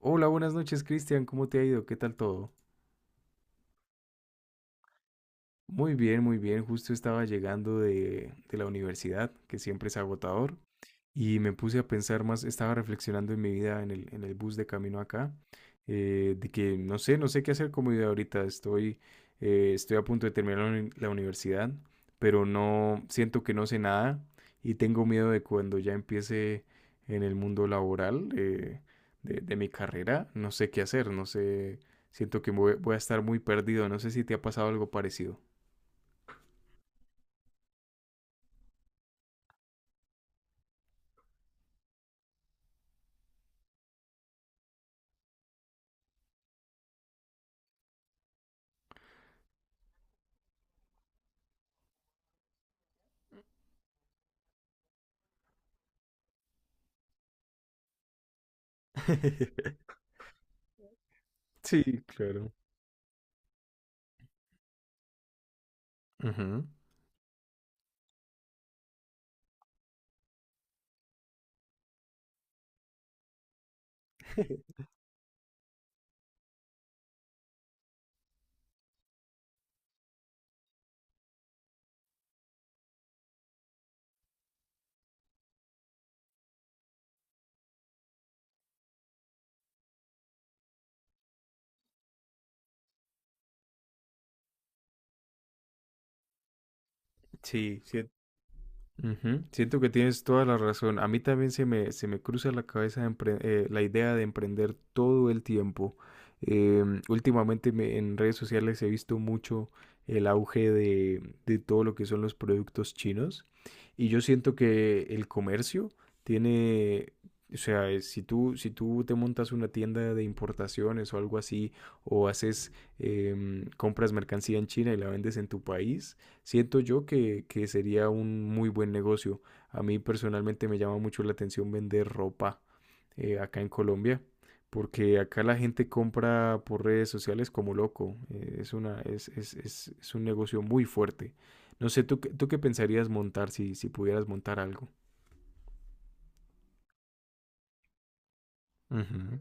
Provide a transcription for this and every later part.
Hola, buenas noches, Cristian. ¿Cómo te ha ido? ¿Qué tal todo? Muy bien, muy bien. Justo estaba llegando de la universidad, que siempre es agotador, y me puse a pensar más, estaba reflexionando en mi vida en el bus de camino acá, de que no sé qué hacer con mi vida ahorita. Estoy a punto de terminar la la universidad, pero no siento que no sé nada y tengo miedo de cuando ya empiece en el mundo laboral, de mi carrera, no sé qué hacer, no sé, siento que me voy a estar muy perdido. No sé si te ha pasado algo parecido. Sí, claro. Ujú. Sí, sí, Ujú, siento que tienes toda la razón. A mí también se me cruza la cabeza la idea de emprender todo el tiempo. Últimamente en redes sociales he visto mucho el auge de todo lo que son los productos chinos, y yo siento que el comercio tiene, o sea, si tú te montas una tienda de importaciones o algo así o haces, em, compras mercancía en China y la vendes en tu país. Siento yo que sería un muy buen negocio. A mí personalmente me llama mucho la atención vender ropa, acá en Colombia, porque acá la gente compra por redes sociales como loco. Es una, es un negocio muy fuerte. No sé, ¿ tú qué pensarías montar si pudieras montar algo? Ujú.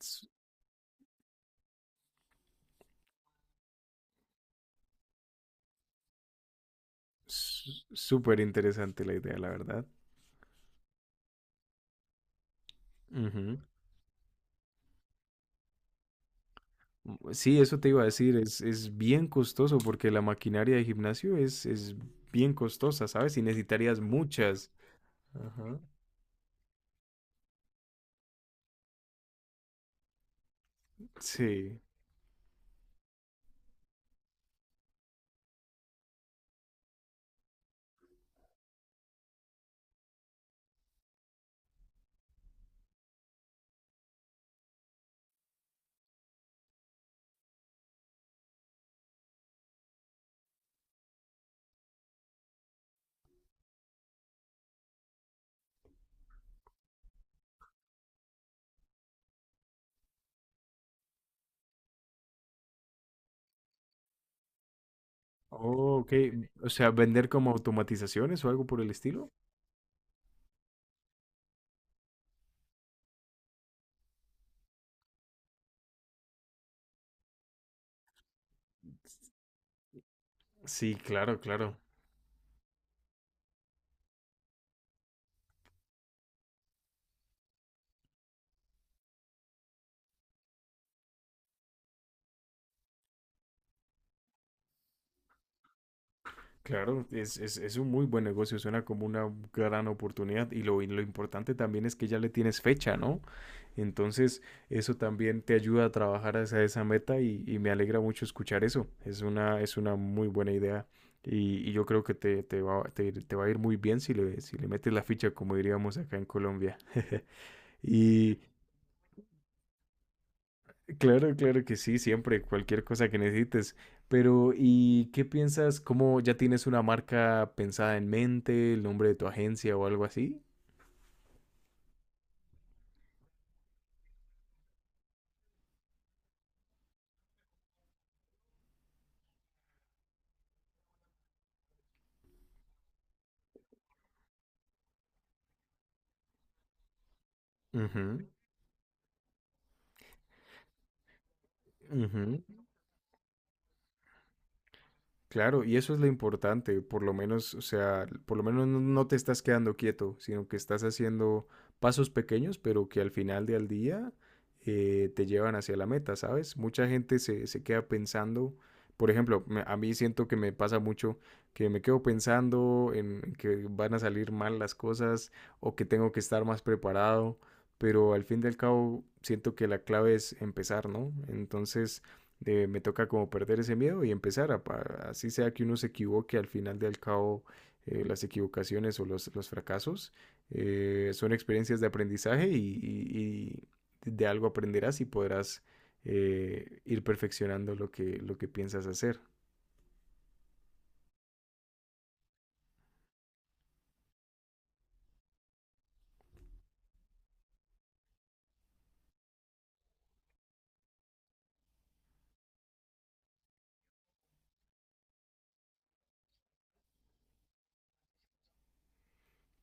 S- Súper interesante la idea, la verdad. Ujú. Sí, eso te iba a decir, es bien costoso porque la maquinaria de gimnasio es bien costosa, ¿sabes? Y necesitarías muchas. Ajá. Sí. Oh, ok. O sea, vender como automatizaciones o algo por el estilo. Sí, claro, claro. Claro, es un muy buen negocio, suena como una gran oportunidad y lo importante también es que ya le tienes fecha, ¿no? Entonces, eso también te ayuda a trabajar hacia esa meta y me alegra mucho escuchar eso. Es una muy buena idea y yo creo que te va a ir muy bien si le metes la ficha, como diríamos acá en Colombia. Y, claro, claro que sí, siempre, cualquier cosa que necesites. Pero, ¿y qué piensas? ¿Cómo? ¿Ya tienes una marca pensada en mente, el nombre de tu agencia o algo así? Ujú, ujú. Claro, y eso es lo importante, por lo menos, o sea, por lo menos no te estás quedando quieto, sino que estás haciendo pasos pequeños, pero que al final del día, te llevan hacia la meta, ¿sabes? Mucha gente se queda pensando, por ejemplo, a mí siento que me pasa mucho, que me quedo pensando en que van a salir mal las cosas o que tengo que estar más preparado, pero al fin y al cabo siento que la clave es empezar, ¿no? Entonces, me toca como perder ese miedo y empezar a, así sea que uno se equivoque, al final del cabo, las equivocaciones o los fracasos, son experiencias de aprendizaje y y de algo aprenderás y podrás, ir perfeccionando lo que piensas hacer.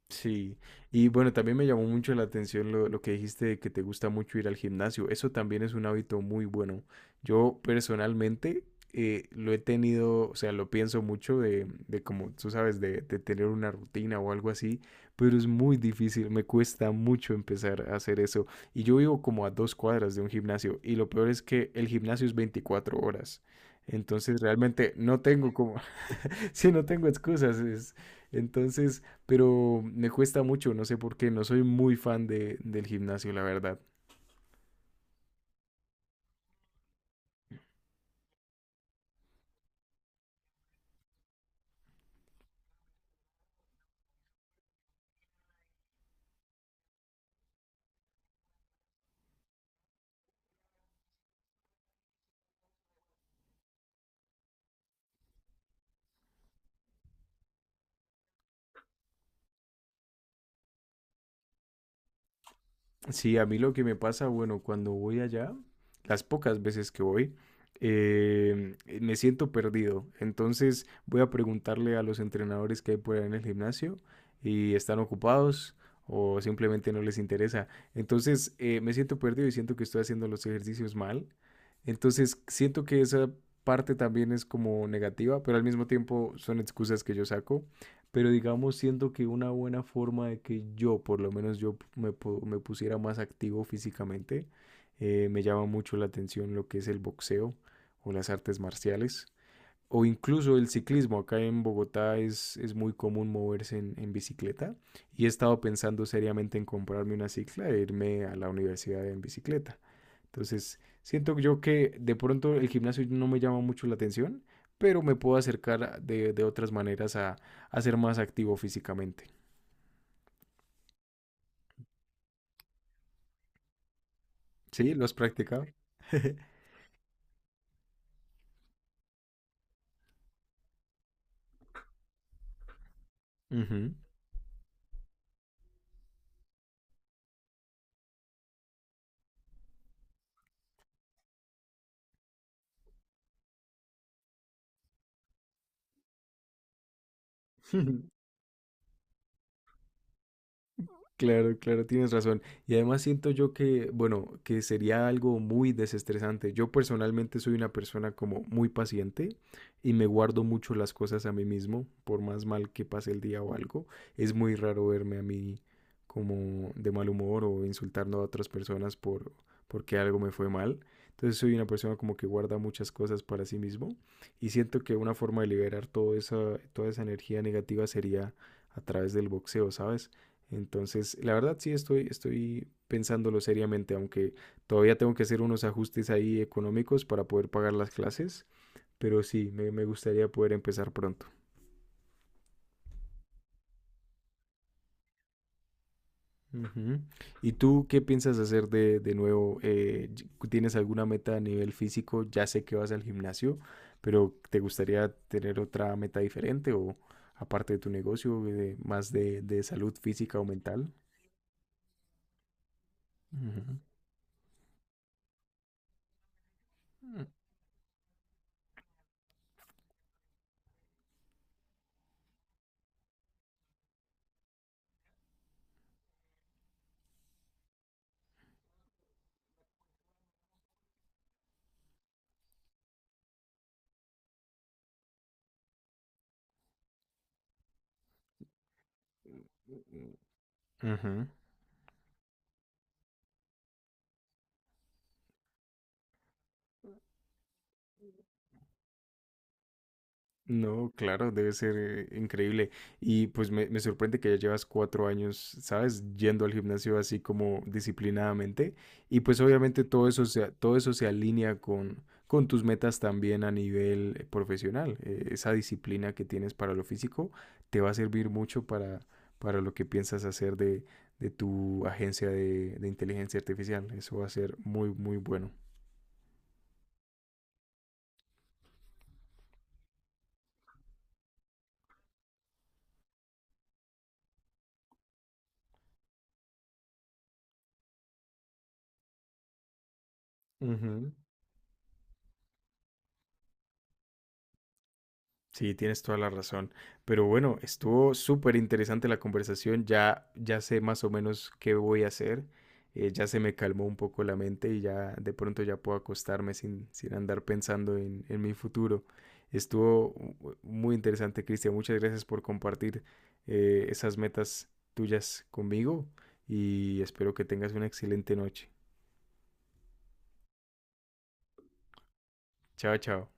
Sí, y bueno, también me llamó mucho la atención lo que dijiste de que te gusta mucho ir al gimnasio. Eso también es un hábito muy bueno. Yo personalmente, lo he tenido, o sea, lo pienso mucho de como tú sabes, de tener una rutina o algo así, pero es muy difícil, me cuesta mucho empezar a hacer eso. Y yo vivo como a dos cuadras de un gimnasio, y lo peor es que el gimnasio es 24 horas. Entonces realmente no tengo como, sí, no tengo excusas. Es, entonces, pero me cuesta mucho, no sé por qué, no soy muy fan del gimnasio, la verdad. Sí, a mí lo que me pasa, bueno, cuando voy allá, las pocas veces que voy, eh, me siento perdido. Entonces voy a preguntarle a los entrenadores que hay por ahí en el gimnasio, y están ocupados o simplemente no les interesa. Entonces, me siento perdido y siento que estoy haciendo los ejercicios mal. Entonces siento que esa parte también es como negativa, pero al mismo tiempo son excusas que yo saco. Pero digamos, siento que una buena forma de que yo, por lo menos yo me pusiera más activo físicamente, me llama mucho la atención lo que es el boxeo o las artes marciales o incluso el ciclismo. Acá en Bogotá es muy común moverse en bicicleta, y he estado pensando seriamente en comprarme una cicla e irme a la universidad en bicicleta. Entonces, siento yo que de pronto el gimnasio no me llama mucho la atención, pero me puedo acercar de otras maneras a ser más activo físicamente. Sí, lo has practicado. Ujú. Claro, claro, tienes razón. Y además siento yo que, bueno, que sería algo muy desestresante. Yo personalmente soy una persona como muy paciente y me guardo mucho las cosas a mí mismo, por más mal que pase el día o algo. Es muy raro verme a mí como de mal humor o insultando a otras personas porque algo me fue mal. Entonces soy una persona como que guarda muchas cosas para sí mismo, y siento que una forma de liberar toda esa energía negativa sería a través del boxeo, ¿sabes? Entonces, la verdad sí estoy pensándolo seriamente, aunque todavía tengo que hacer unos ajustes ahí económicos para poder pagar las clases, pero sí, me gustaría poder empezar pronto. Ujú. ¿Y tú qué piensas hacer de nuevo? ¿Tienes alguna meta a nivel físico? Ya sé que vas al gimnasio, pero ¿te gustaría tener otra meta diferente o aparte de tu negocio, más de salud física o mental? Ujú. Ujú. No, claro, debe ser, increíble. Y pues me sorprende que ya llevas 4 años, ¿sabes? Yendo al gimnasio así como disciplinadamente. Y pues obviamente todo eso se alinea con tus metas también a nivel, profesional. Esa disciplina que tienes para lo físico te va a servir mucho para lo que piensas hacer de tu agencia de inteligencia artificial. Eso va a ser muy, muy bueno. Ujú. Sí, tienes toda la razón. Pero bueno, estuvo súper interesante la conversación. Ya sé más o menos qué voy a hacer. Ya se me calmó un poco la mente y ya de pronto ya puedo acostarme sin andar pensando en mi futuro. Estuvo muy interesante, Cristian. Muchas gracias por compartir, esas metas tuyas conmigo, y espero que tengas una excelente noche. Chao, chao.